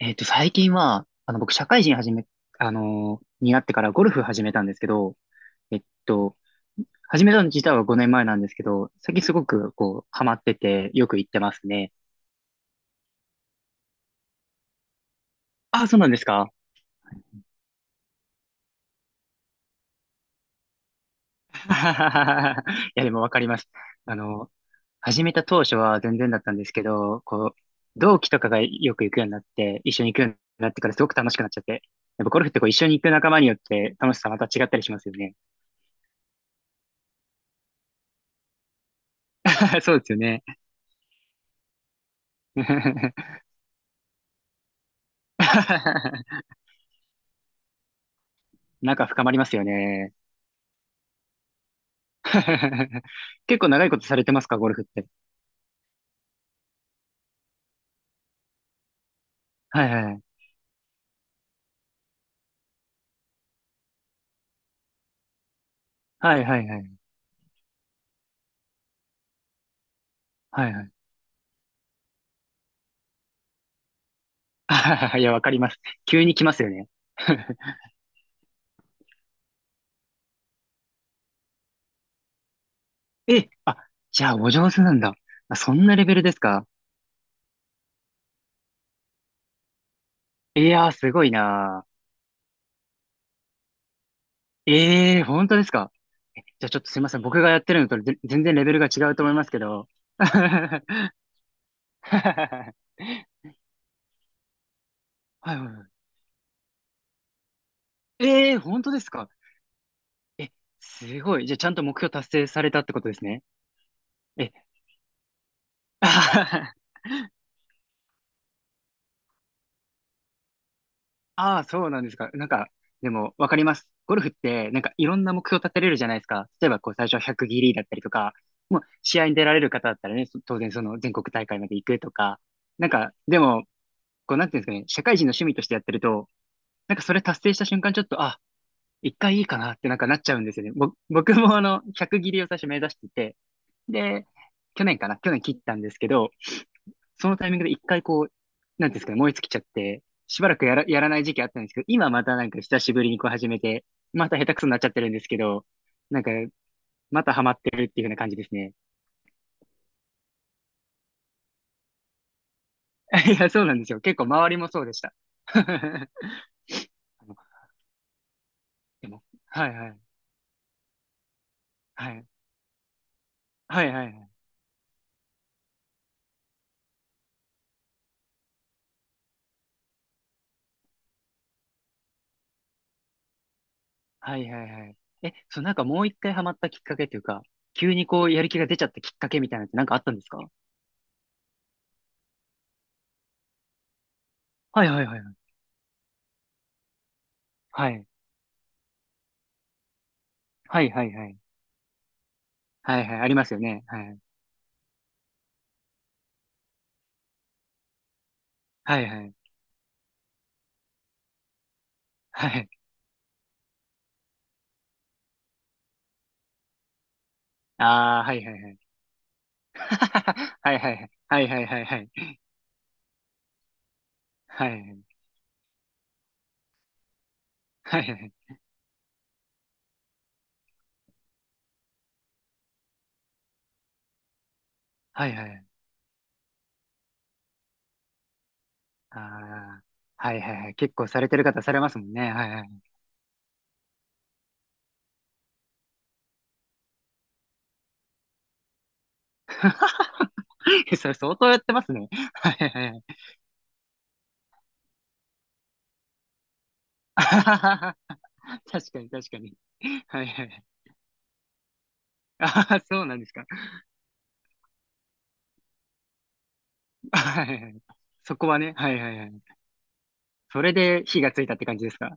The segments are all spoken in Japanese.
最近は、僕、社会人始め、あのーになってからゴルフ始めたんですけど、えっと、始めたの自体は5年前なんですけど、最近すごく、ハマってて、よく行ってますね。ああ、そうなんですか？ いや、でもわかります。あの、始めた当初は全然だったんですけど、同期とかがよく行くようになって、一緒に行くようになってからすごく楽しくなっちゃって。やっぱゴルフってこう一緒に行く仲間によって楽しさまた違ったりしますよね。そうですよね。仲深まりますよね。結構長いことされてますか、ゴルフって？はいはい。はいはいはい。はいはい。あはははいや、わかります。急に来ますよね。え、あ、じゃあお上手なんだ。あ、そんなレベルですか？いやー、すごいなー。本当ですか？え、じゃあちょっとすいません。僕がやってるのと全然レベルが違うと思いますけど。はいはいはい。本当ですか？え、すごい。じゃあちゃんと目標達成されたってことですね。え、ああ、そうなんですか？なんか、でも、わかります。ゴルフって、なんか、いろんな目標立てれるじゃないですか。例えば、最初は100ギリだったりとか、もう、試合に出られる方だったらね、当然、全国大会まで行くとか、なんか、でも、なんていうんですかね、社会人の趣味としてやってると、なんか、それ達成した瞬間、ちょっと、あ、一回いいかなって、なんか、なっちゃうんですよね。僕も、100ギリを最初目指してて、で、去年かな、去年切ったんですけど、そのタイミングで一回なんていうんですかね、燃え尽きちゃって、しばらくやらない時期あったんですけど、今またなんか久しぶりにこう始めて、また下手くそになっちゃってるんですけど、なんか、またハマってるっていう風な感じですね。いや、そうなんですよ。結構周りもそうでした。あのでも、はいはい。はい。はいはいはい。はいはいはい。え、そう、なんかもう一回ハマったきっかけというか、急にこうやる気が出ちゃったきっかけみたいなのってなんかあったんですか？はいはいはいはい。はい。はいはいはい。はいはい。ありますよね。はい。はいはい。はい。ああ、はいはいはい。はいはいはい。はいはいはい。はいはいはい。はいはいはい。はいはい。ああ、はいはいはい。結構されてる方されますもんね。はいはい。それ相当やってますね。はいはいはい。あははは確かに確かに。はいはいはい。ああ、そうなんですか？はいはいはい。そこはね、はいはいはい。それで火がついたって感じですか？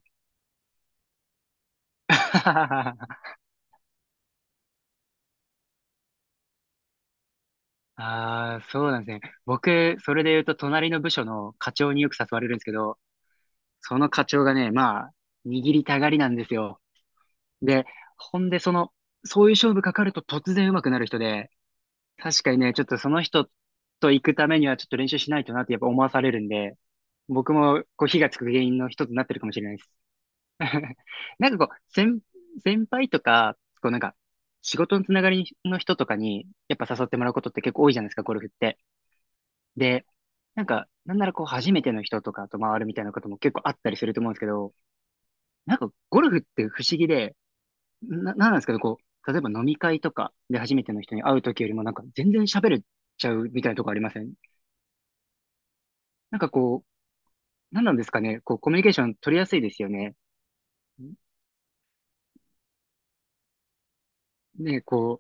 ああ、そうなんですね。僕、それで言うと、隣の部署の課長によく誘われるんですけど、その課長がね、まあ、握りたがりなんですよ。で、ほんで、そういう勝負かかると突然上手くなる人で、確かにね、ちょっとその人と行くためにはちょっと練習しないとなってやっぱ思わされるんで、僕もこう火がつく原因の一つになってるかもしれないです。なんかこう、先輩とか、こうなんか、仕事のつながりの人とかに、やっぱ誘ってもらうことって結構多いじゃないですか、ゴルフって。で、なんか、なんならこう、初めての人とかと回るみたいなことも結構あったりすると思うんですけど、なんかゴルフって不思議で、なんなんですかね、こう、例えば飲み会とかで初めての人に会うときよりもなんか全然喋れちゃうみたいなとこありません？なんかこう、なんなんですかね、こう、コミュニケーション取りやすいですよね。ね、こ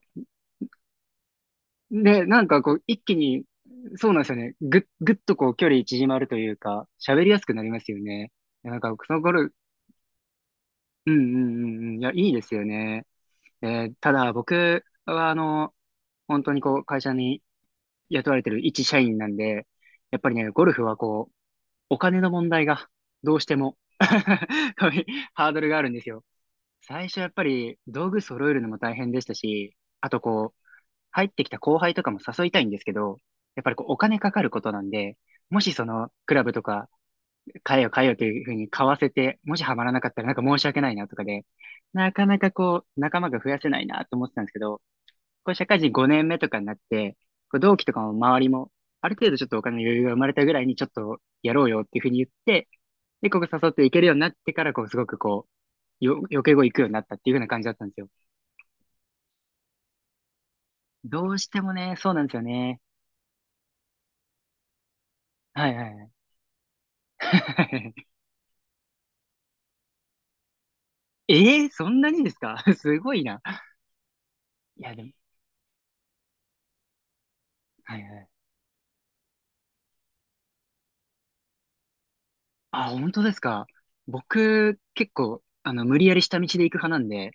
う、で、なんかこう、一気に、そうなんですよね、ぐっとこう、距離縮まるというか、喋りやすくなりますよね。なんか、そのゴルフ、うんうんうんうん、いや、いいですよね。ただ僕は、本当にこう、会社に雇われてる一社員なんで、やっぱりね、ゴルフはこう、お金の問題がどうしても こういうハードルがあるんですよ。最初やっぱり道具揃えるのも大変でしたし、あとこう、入ってきた後輩とかも誘いたいんですけど、やっぱりこう、お金かかることなんで、もしその、クラブとか、買えよ買えよというふうに買わせて、もしハマらなかったらなんか申し訳ないなとかで、なかなかこう、仲間が増やせないなと思ってたんですけど、こう社会人5年目とかになって、こう同期とかも周りも、ある程度ちょっとお金の余裕が生まれたぐらいにちょっとやろうよっていうふうに言って、で、ここ誘っていけるようになってから、こうすごくこう、余計語行くようになったっていうふうな感じだったんですよ。どうしてもね、そうなんですよね。はいはいはい。えそんなにですか？ すごいな。いや、でも、はいはい。あ、本当ですか？僕、結構、無理やり下道で行く派なんで、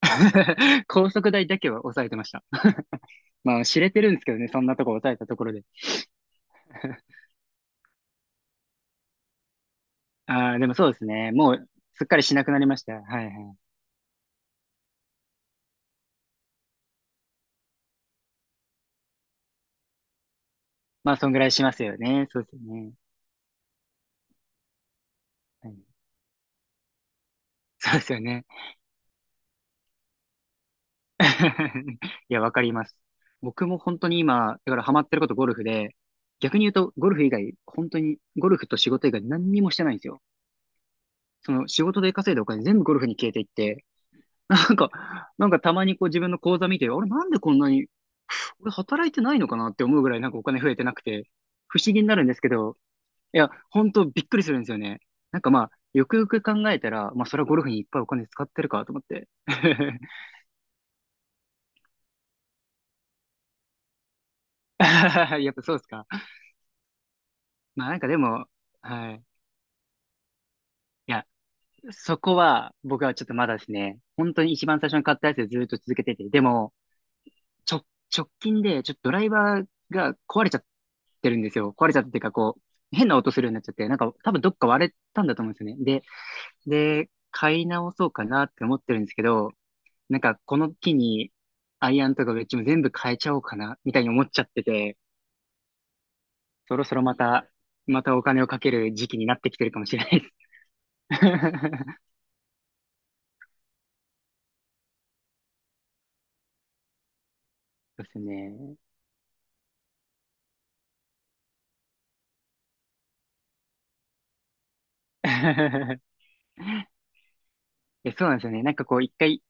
高速代だけは抑えてました。まあ、知れてるんですけどね、そんなとこ抑えたところで。ああ、でもそうですね。もう、すっかりしなくなりました。はいはい。まあ、そんぐらいしますよね。そうですよね。はい、そうですよね。いや、わかります。僕も本当に今、だからハマってることゴルフで、逆に言うと、ゴルフ以外、本当に、ゴルフと仕事以外何にもしてないんですよ。仕事で稼いだお金全部ゴルフに消えていって、なんか、なんかたまにこう自分の口座見て、あれなんでこんなに、俺働いてないのかなって思うぐらいなんかお金増えてなくて、不思議になるんですけど、いや、本当びっくりするんですよね。なんかまあ、よくよく考えたら、まあそれはゴルフにいっぱいお金使ってるかと思って。やっぱそうですか？まあなんかでも、はい。いや、そこは僕はちょっとまだですね、本当に一番最初に買ったやつでずっと続けてて、でも、ちょ、直近でちょっとドライバーが壊れちゃってるんですよ。壊れちゃったっていうか、こう、変な音するようになっちゃって、なんか多分どっか割れたんだと思うんですよね。で、買い直そうかなって思ってるんですけど、なんかこの機に、アイアンとかウェッジも全部変えちゃおうかな、みたいに思っちゃってて、そろそろまたお金をかける時期になってきてるかもしれないです。そうですね。いやそうなんですよね。なんかこう、一回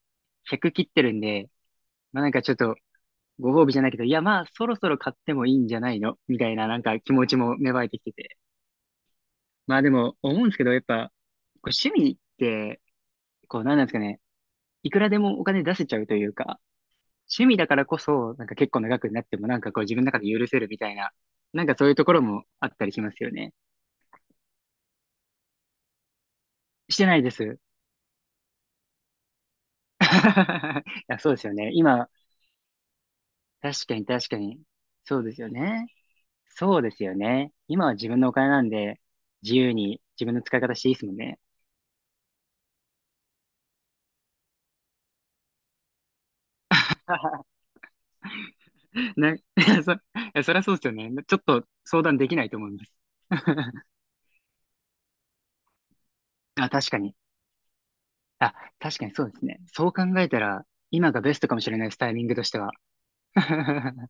100切ってるんで、まあなんかちょっと、ご褒美じゃないけど、いやまあそろそろ買ってもいいんじゃないのみたいななんか気持ちも芽生えてきてて。まあでも思うんですけど、やっぱ、こう趣味って、こうなんなんですかね、いくらでもお金出せちゃうというか、趣味だからこそ、なんか結構長くなってもなんかこう自分の中で許せるみたいな、なんかそういうところもあったりしますよね。してないです。いや、そうですよね。今、確かに確かに。そうですよね。そうですよね。今は自分のお金なんで、自由に自分の使い方していいですもんね。いや、いや、そりゃそうですよね。ちょっと相談できないと思います。あ、確かに。あ、確かにそうですね。そう考えたら、今がベストかもしれないです、タイミングとしては。